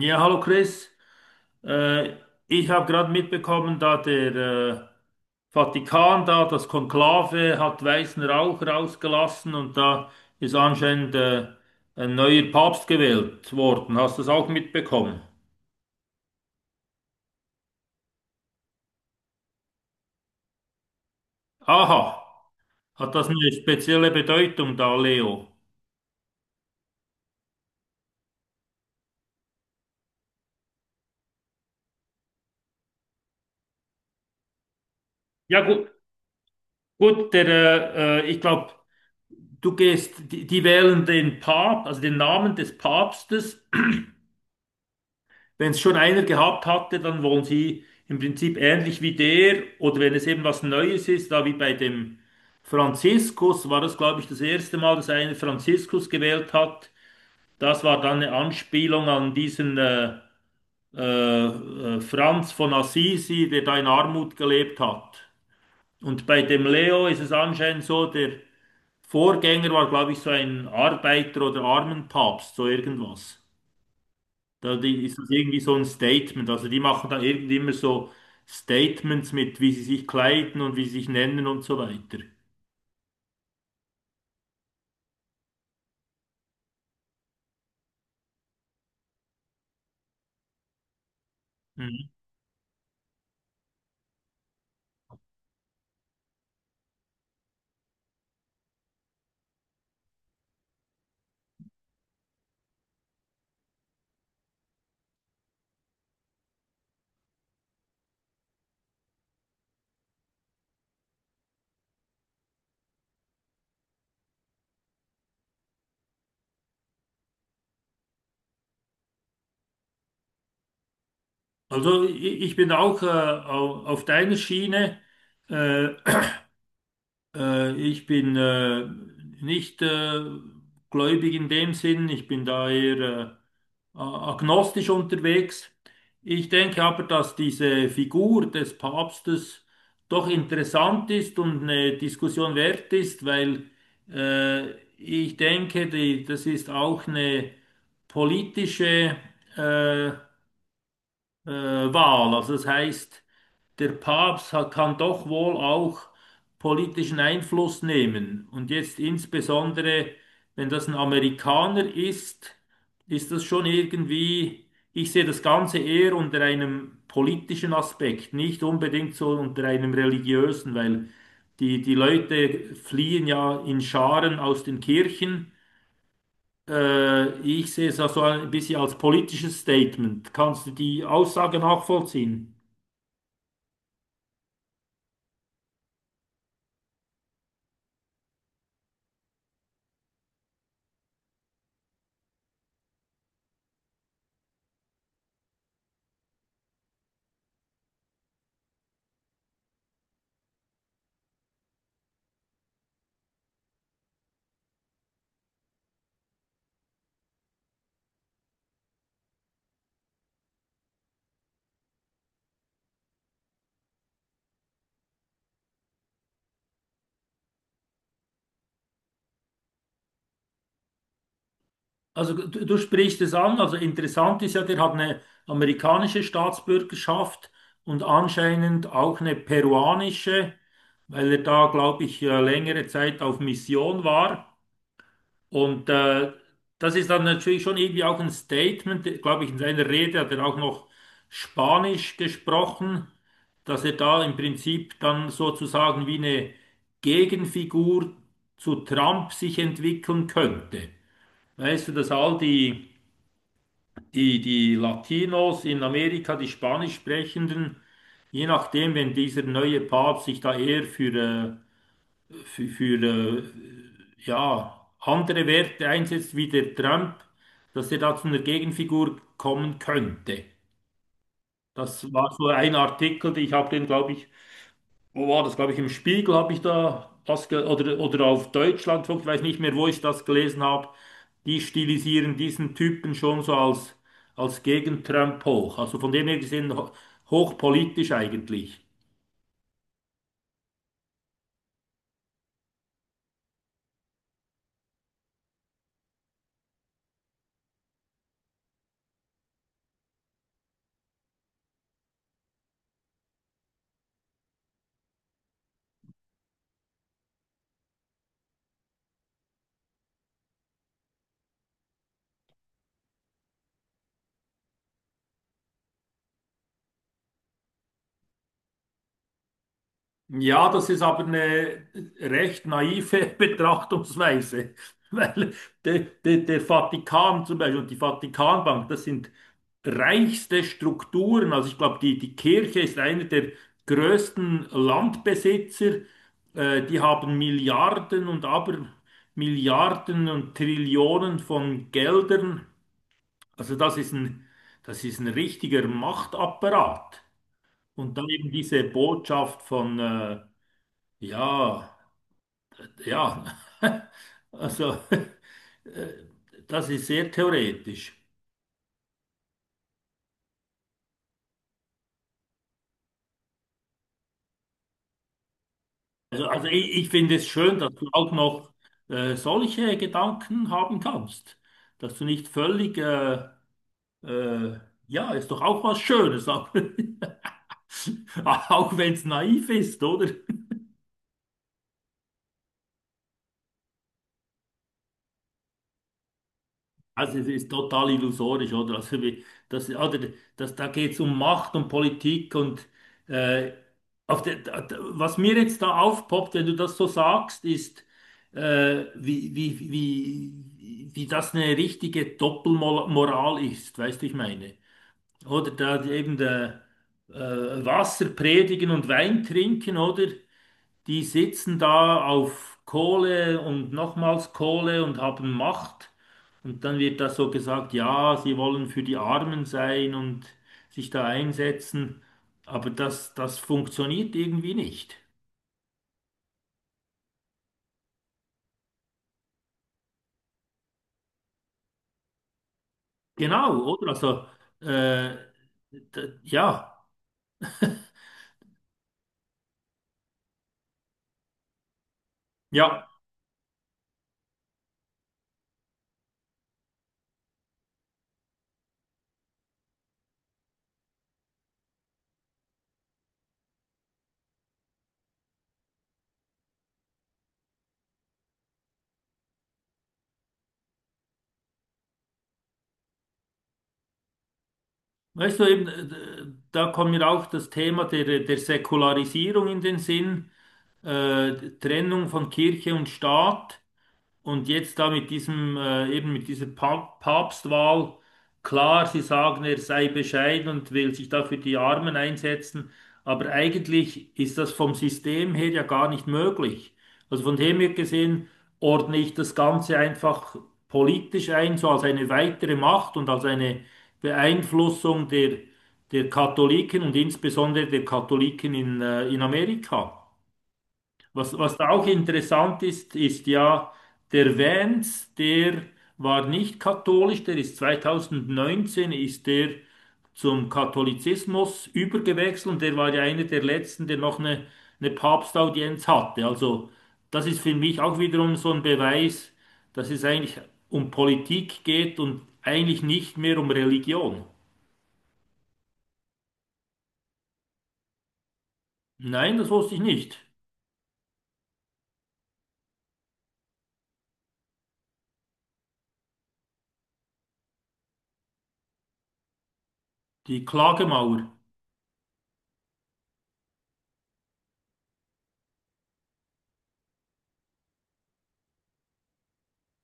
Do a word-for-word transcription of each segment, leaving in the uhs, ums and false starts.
Ja, hallo Chris. Äh, Ich habe gerade mitbekommen, da der äh, Vatikan da, das Konklave, hat weißen Rauch rausgelassen und da ist anscheinend äh, ein neuer Papst gewählt worden. Hast du das auch mitbekommen? Aha, hat das eine spezielle Bedeutung da, Leo? Ja, gut, gut, der, äh, äh, ich glaube, du gehst, die, die wählen den Papst, also den Namen des Papstes. Wenn es schon einer gehabt hatte, dann wollen sie im Prinzip ähnlich wie der, oder wenn es eben was Neues ist, da wie bei dem Franziskus war das, glaube ich, das erste Mal, dass einer Franziskus gewählt hat. Das war dann eine Anspielung an diesen äh, äh, äh, Franz von Assisi, der da in Armut gelebt hat. Und bei dem Leo ist es anscheinend so, der Vorgänger war, glaube ich, so ein Arbeiter- oder Armenpapst, so irgendwas. Da die- ist das irgendwie so ein Statement? Also die machen da irgendwie immer so Statements mit, wie sie sich kleiden und wie sie sich nennen und so weiter. Mhm. Also i- Ich bin auch äh, au- auf deiner Schiene. Äh, äh, Ich bin äh, nicht äh, gläubig in dem Sinn. Ich bin da eher äh, äh, agnostisch unterwegs. Ich denke aber, dass diese Figur des Papstes doch interessant ist und eine Diskussion wert ist, weil äh, ich denke, die, das ist auch eine politische äh, äh, Wahl. Also das heißt, der Papst hat, kann doch wohl auch politischen Einfluss nehmen. Und jetzt insbesondere, wenn das ein Amerikaner ist, ist das schon irgendwie, ich sehe das Ganze eher unter einem politischen Aspekt, nicht unbedingt so unter einem religiösen, weil die, die Leute fliehen ja in Scharen aus den Kirchen. Äh, ich sehe es also ein bisschen als politisches Statement. Kannst du die Aussage nachvollziehen? Also du, du sprichst es an, also interessant ist ja, der hat eine amerikanische Staatsbürgerschaft und anscheinend auch eine peruanische, weil er da, glaube ich, äh, längere Zeit auf Mission war. Und äh, das ist dann natürlich schon irgendwie auch ein Statement, glaube ich, in seiner Rede hat er auch noch Spanisch gesprochen, dass er da im Prinzip dann sozusagen wie eine Gegenfigur zu Trump sich entwickeln könnte. Weißt du, dass all die, die, die Latinos in Amerika, die Spanisch sprechenden, je nachdem, wenn dieser neue Papst sich da eher für, äh, für, für äh, ja, andere Werte einsetzt wie der Trump, dass er da zu einer Gegenfigur kommen könnte. Das war so ein Artikel, den ich habe den, glaube ich, wo war das, glaube ich, im Spiegel habe ich da das ge- oder, oder auf Deutschlandfunk, ich weiß nicht mehr, wo ich das gelesen habe. Die stilisieren diesen Typen schon so als, als Gegen-Trump hoch. Also von dem her gesehen ho- hochpolitisch eigentlich. Ja, das ist aber eine recht naive Betrachtungsweise, weil der, der, der Vatikan zum Beispiel und die Vatikanbank, das sind reichste Strukturen. Also ich glaube, die, die Kirche ist einer der größten Landbesitzer. Äh, die haben Milliarden und aber Milliarden und Trillionen von Geldern. Also das ist ein, das ist ein richtiger Machtapparat. Und dann eben diese Botschaft von... Äh, ja, ja. Also, äh, das ist sehr theoretisch. Also, also ich, ich finde es schön, dass du auch noch äh, solche Gedanken haben kannst. Dass du nicht völlig, äh, äh, ja, ist doch auch was Schönes, auch, auch wenn es naiv ist, oder? Also es ist total illusorisch, oder? Also wie, das, oder das, da geht es um Macht und Politik und äh, auf der, da- da- was mir jetzt da aufpoppt, wenn du das so sagst, ist, äh, wie, wie, wie, wie das eine richtige Doppelmoral ist, weißt du, ich meine. Oder da eben der, äh, Wasser predigen und Wein trinken, oder? Die sitzen da auf Kohle und nochmals Kohle und haben Macht. Und dann wird da so gesagt, ja, sie wollen für die Armen sein und sich da einsetzen. Aber das, das funktioniert irgendwie nicht. Genau, oder? Also, äh, d- ja, ja. Weißt du, eben, äh, da kommt mir auch das Thema der, der Säkularisierung in den Sinn, äh, Trennung von Kirche und Staat. Und jetzt da mit diesem, äh, eben mit dieser Pa- Papstwahl, klar, sie sagen, er sei bescheiden und will sich da für die Armen einsetzen, aber eigentlich ist das vom System her ja gar nicht möglich. Also von dem her gesehen ordne ich das Ganze einfach politisch ein, so als eine weitere Macht und als eine Beeinflussung der, der Katholiken und insbesondere der Katholiken in, äh, in Amerika. Was, was da auch interessant ist, ist ja, der Vance, der war nicht katholisch, der ist zwanzig neunzehn ist der zum Katholizismus übergewechselt und der war ja einer der letzten, der noch eine, eine Papstaudienz hatte. Also das ist für mich auch wiederum so ein Beweis, dass es eigentlich um Politik geht und eigentlich nicht mehr um Religion. Nein, das wusste ich nicht. Die Klagemauer.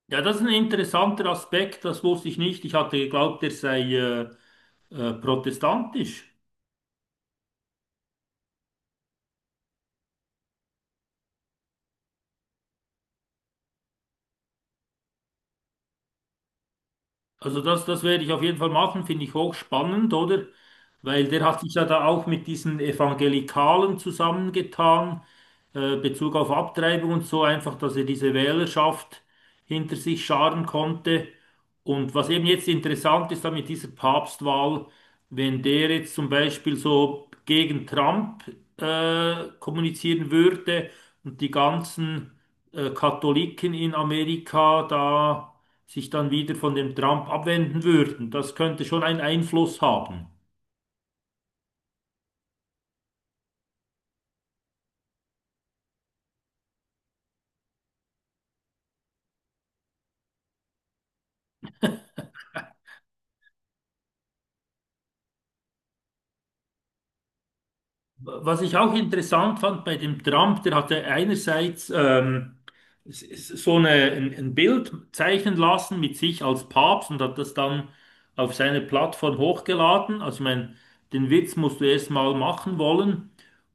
Ja, das ist ein interessanter Aspekt, das wusste ich nicht. Ich hatte geglaubt, er sei äh, äh, protestantisch. Also das, das werde ich auf jeden Fall machen, finde ich hochspannend, oder? Weil der hat sich ja da auch mit diesen Evangelikalen zusammengetan, äh, Bezug auf Abtreibung und so einfach, dass er diese Wählerschaft hinter sich scharen konnte. Und was eben jetzt interessant ist da mit dieser Papstwahl, wenn der jetzt zum Beispiel so gegen Trump äh, kommunizieren würde und die ganzen äh, Katholiken in Amerika da sich dann wieder von dem Trump abwenden würden. Das könnte schon einen Einfluss haben. Was ich auch interessant fand bei dem Trump, der hatte einerseits ähm, s- s- so eine, ein, ein Bild zeichnen lassen mit sich als Papst und hat das dann auf seine Plattform hochgeladen. Also ich meine, den Witz musst du erst mal machen wollen.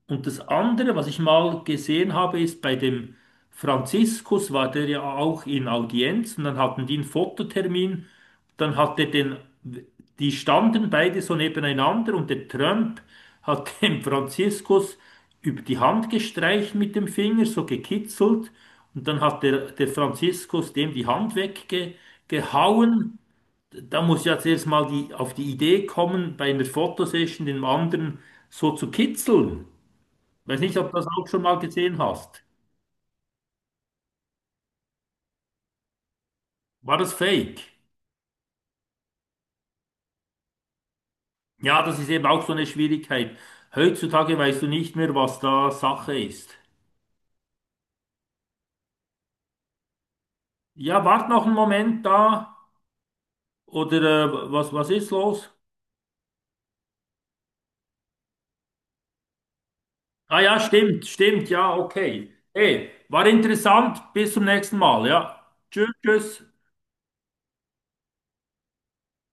Und das andere, was ich mal gesehen habe, ist bei dem Franziskus war der ja auch in Audienz und dann hatten die einen Fototermin. Dann hat er den, die standen beide so nebeneinander und der Trump hat dem Franziskus über die Hand gestreicht mit dem Finger, so gekitzelt. Und dann hat der, der Franziskus dem die Hand weggehauen. Da muss ja zuerst mal die, auf die Idee kommen, bei einer Fotosession den anderen so zu kitzeln. Weiß nicht, ob du das auch schon mal gesehen hast. War das fake? Ja, das ist eben auch so eine Schwierigkeit. Heutzutage weißt du nicht mehr, was da Sache ist. Ja, wart noch einen Moment da. Oder äh, was, was ist los? Ah ja, stimmt, stimmt, ja, okay. Hey, war interessant. Bis zum nächsten Mal, ja. Tschüss, tschüss.